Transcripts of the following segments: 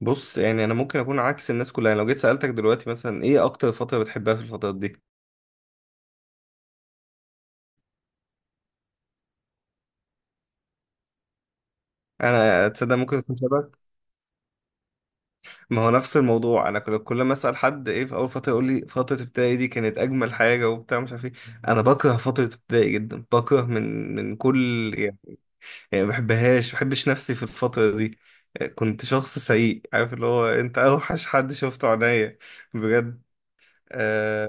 بص، يعني انا ممكن اكون عكس الناس كلها. يعني لو جيت سالتك دلوقتي مثلا، ايه اكتر فتره بتحبها في الفترات دي؟ انا تصدق ممكن اكون شبك. ما هو نفس الموضوع، انا كل ما اسال حد ايه في اول فتره يقول لي فتره ابتدائي دي كانت اجمل حاجه وبتاع مش عارف ايه. انا بكره فتره ابتدائي جدا، بكره من كل يعني. يعني ما بحبهاش، ما بحبش نفسي في الفتره دي. كنت شخص سيء، عارف اللي هو انت اوحش حد شفته عينيا بجد. آه،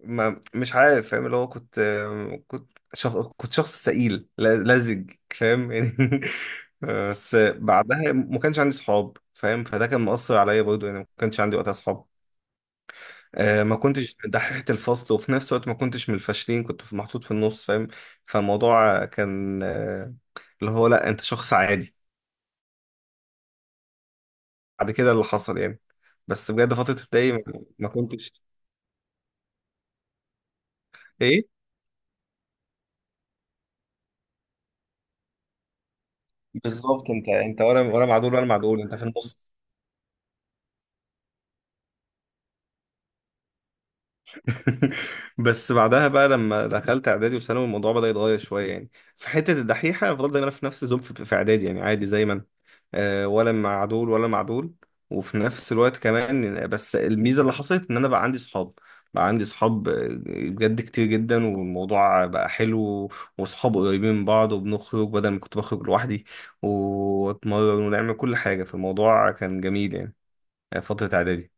ما مش عارف، فاهم اللي هو كنت كنت شخص ثقيل، لزج، فاهم يعني. بس بعدها ما كانش عندي صحاب، فاهم، فده كان مؤثر عليا برضه يعني، ما كانش عندي وقتها صحاب. ما كنتش دحيحة الفصل، وفي نفس الوقت ما كنتش من الفاشلين، كنت محطوط في النص، فاهم. فالموضوع كان اللي هو لا، انت شخص عادي. بعد كده اللي حصل يعني، بس بجد فترة ابتدائي ما كنتش ايه. بالظبط، انت ولا مع دول ولا مع دول، انت في النص. بس بعدها بقى لما دخلت اعدادي وثانوي الموضوع بدأ يتغير شويه يعني. في حته الدحيحه فضلت زي ما انا في نفس الزوم، في اعدادي يعني عادي زي ما انا. ولا مع دول ولا مع دول. وفي نفس الوقت كمان، بس الميزه اللي حصلت ان انا بقى عندي صحاب، بقى عندي صحاب. بجد كتير جدا، والموضوع بقى حلو. وصحاب قريبين من بعض، وبنخرج بدل ما كنت بخرج لوحدي، واتمرن ونعمل كل حاجه، فالموضوع كان جميل يعني. فتره اعدادي.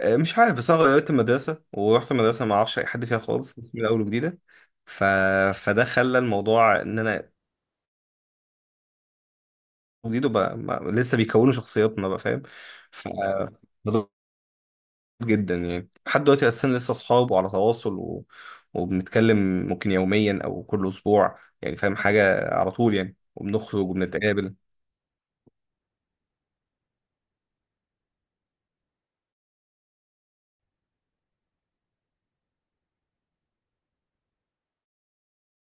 مش عارف، بس انا غيرت المدرسه ورحت مدرسه ما اعرفش اي حد فيها خالص، من الاول وجديده. ف... فده خلى الموضوع ان انا جديد، وبقى ما... لسه بيكونوا شخصياتنا بقى، فاهم. ف مضغوط جدا يعني، لحد دلوقتي اساسا لسه اصحاب وعلى تواصل وبنتكلم. ممكن يوميا او كل اسبوع يعني، فاهم، حاجه على طول يعني، وبنخرج وبنتقابل.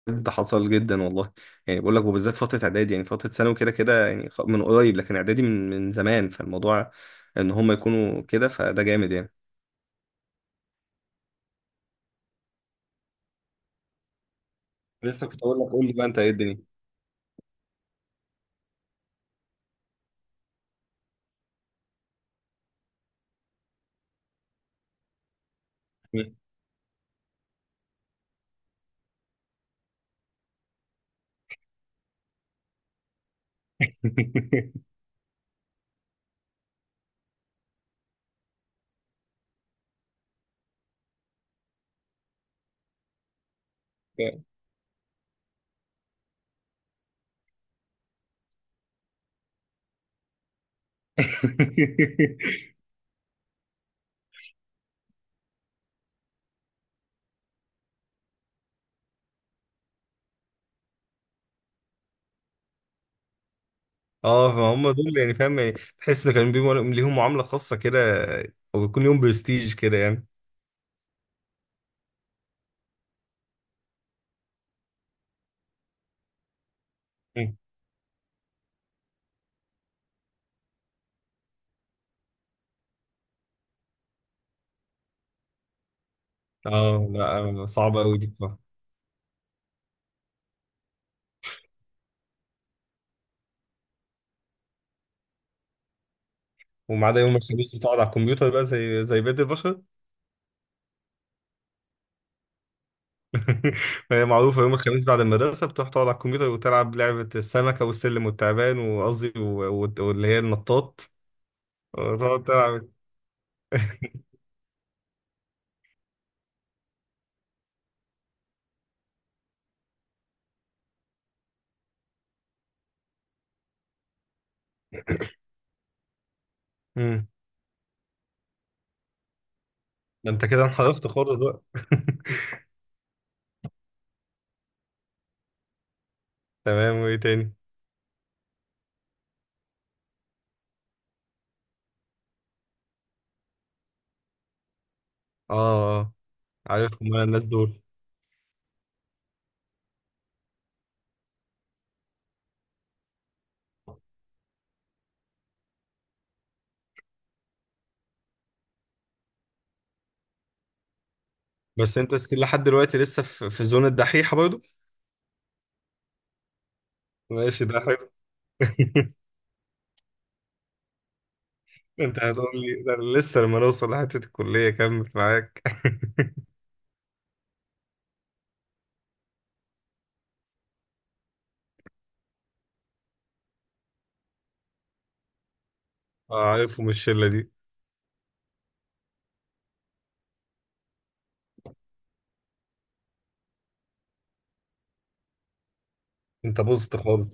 ده حصل جدا والله، يعني بقول لك، وبالذات فترة اعدادي يعني، فترة ثانوي كده كده يعني من قريب، لكن اعدادي من زمان. فالموضوع ان هم يكونوا كده فده جامد يعني. لسه كنت اقول لك، قول لي بقى انت، ايه الدنيا؟ اه، فهم دول يعني، فاهم يعني، تحس ان كان بيهم، ليهم معاملة خاصة كده، او بيكون ليهم برستيج كده يعني. مم. اه لا، صعبة قوي دي بصراحة. وما عدا يوم الخميس بتقعد على الكمبيوتر بقى، زي بقية البشر. هي معروفة، يوم الخميس بعد المدرسة بتروح تقعد على الكمبيوتر وتلعب لعبة السمكة والسلم والتعبان، وقصدي واللي هي النطاط، وتقعد تلعب. مم. ده انت كده انحرفت خالص بقى. تمام، وايه تاني؟ اه، اه، عارفهم انا الناس دول. بس انت ستيل لحد دلوقتي، لسه في زون الدحيحة برضه. ماشي، ده حلو. انت هتقول لي ده، أنا لسه لما نوصل لحتة الكلية كمل معاك. اه، عارفهم الشلة دي. انت بوظت خالص.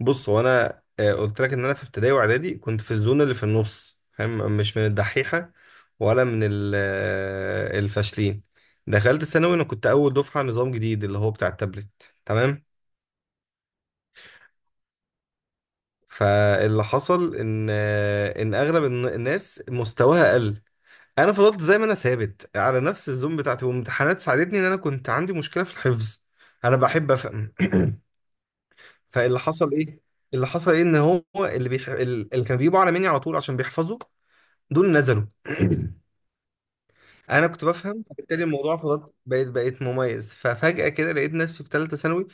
بص، هو انا قلت لك ان انا في ابتدائي واعدادي كنت في الزون اللي في النص، فاهم، مش من الدحيحه ولا من الفاشلين. دخلت ثانوي، انا كنت اول دفعه نظام جديد اللي هو بتاع التابلت، تمام. فاللي حصل ان اغلب الناس مستواها قل. انا فضلت زي ما انا ثابت على نفس الزون بتاعتي، وامتحانات ساعدتني، ان انا كنت عندي مشكله في الحفظ، انا بحب افهم. فاللي حصل ايه، ان هو اللي كان بيجيبوا اعلى مني على طول عشان بيحفظوا دول نزلوا. انا كنت بفهم، فبالتالي الموضوع فضلت، بقيت مميز، ففجأة كده لقيت نفسي في ثالثة ثانوي.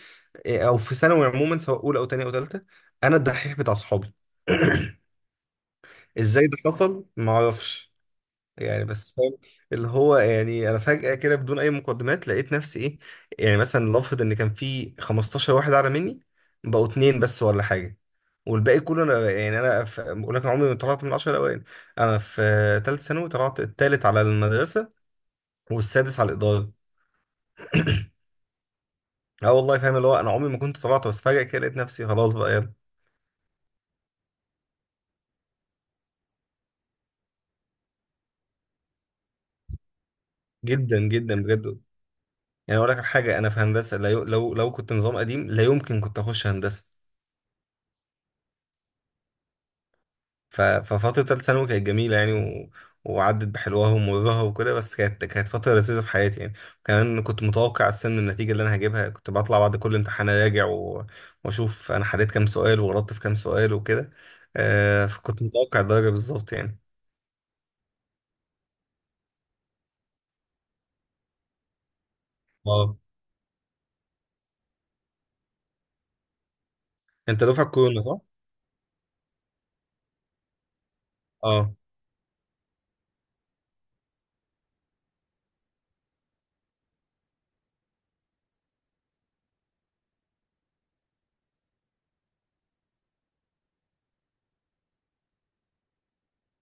او في ثانوي عموما، سواء اولى او ثانية او ثالثة، انا الدحيح بتاع صحابي. ازاي ده حصل، ما اعرفش يعني، بس فاهم اللي هو يعني، انا فجأة كده بدون اي مقدمات لقيت نفسي ايه. يعني مثلا لنفرض ان كان في 15 واحد اعلى مني، بقوا اتنين بس ولا حاجة. والباقي كله انا يعني، انا بقول لك أنا عمري ما طلعت من العشرة الاوائل. انا في ثالث ثانوي طلعت الثالث على المدرسة، والسادس على الإدارة. اه والله، فاهم اللي هو انا عمري ما كنت طلعت، بس فجأة كده لقيت نفسي خلاص بقى يلا. جدا جدا بجد. يعني اقول لك على حاجة، انا في هندسة لا، لو كنت نظام قديم لا يمكن كنت اخش هندسة. ففترة تالتة ثانوي كانت جميلة يعني، وعدت بحلوها ومرها وكده، بس كانت فترة لذيذة في حياتي يعني. كمان كنت متوقع السن النتيجة اللي أنا هجيبها، كنت بطلع بعد كل امتحان أراجع وأشوف أنا حليت كام سؤال وغلطت في كام سؤال وكده. فكنت متوقع الدرجة بالظبط يعني. اه، أنت دفعة كورونا صح؟ اه،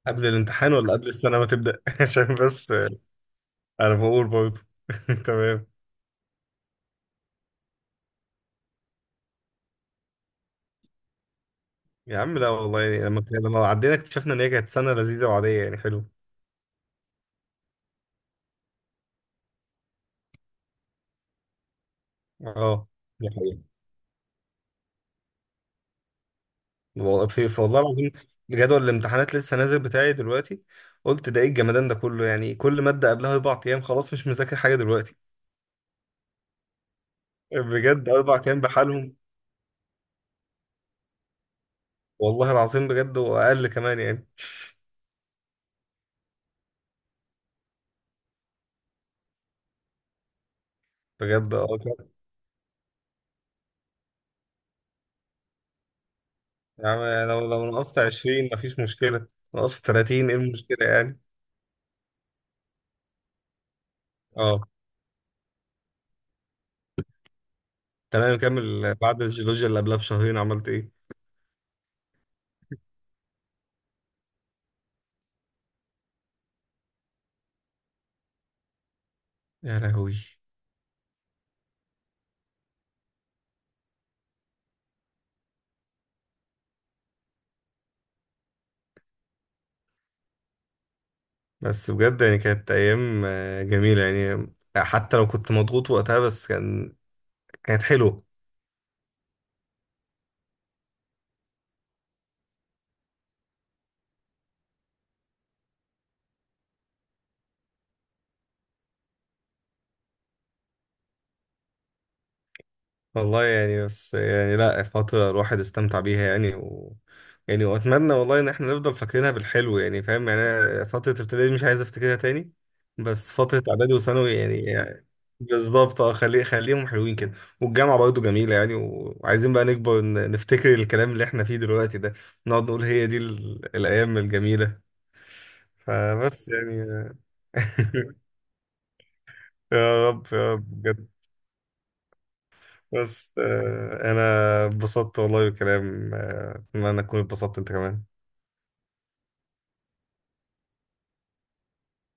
قبل الامتحان ولا قبل السنة ما تبدأ؟ عشان بس أنا بقول برضه. تمام. يا عم لا والله يعني، لما عدينا اكتشفنا إن هي كانت سنة لذيذة وعادية يعني حلوة. اه، دي حقيقة. والله في، والله العظيم، جدول الامتحانات لسه نازل بتاعي دلوقتي. قلت ده ايه الجمدان ده كله؟ يعني كل مادة قبلها 4 ايام، خلاص مش مذاكر حاجة دلوقتي. بجد، 4 ايام بحالهم. والله العظيم بجد، واقل كمان يعني. بجد، اه، كده. يعني لو نقصت 20 مفيش مشكلة، نقصت 30 ايه المشكلة يعني. اه، تمام. كمل، بعد الجيولوجيا اللي قبلها بشهرين عملت ايه؟ يا لهوي. بس بجد يعني، كانت ايام جميلة يعني، حتى لو كنت مضغوط وقتها، بس كانت حلوة. والله يعني، بس يعني لا، فترة الواحد استمتع بيها يعني، يعني واتمنى والله ان احنا نفضل فاكرينها بالحلو يعني، فاهم يعني، أنا فترة ابتدائي دي مش عايز افتكرها تاني. بس فترة اعدادي وثانوي، يعني. بالظبط، اه، خليهم حلوين كده. والجامعة برضه جميلة يعني، وعايزين بقى نكبر، نفتكر الكلام اللي احنا فيه دلوقتي ده، نقعد نقول هي دي الايام الجميلة. فبس يعني. يا رب يا رب بجد. بس انا اتبسطت والله بالكلام، اتمنى ان اكون اتبسطت انت كمان.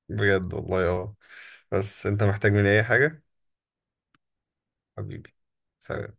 بجد والله، اه. بس انت محتاج مني اي حاجة؟ حبيبي، سلام.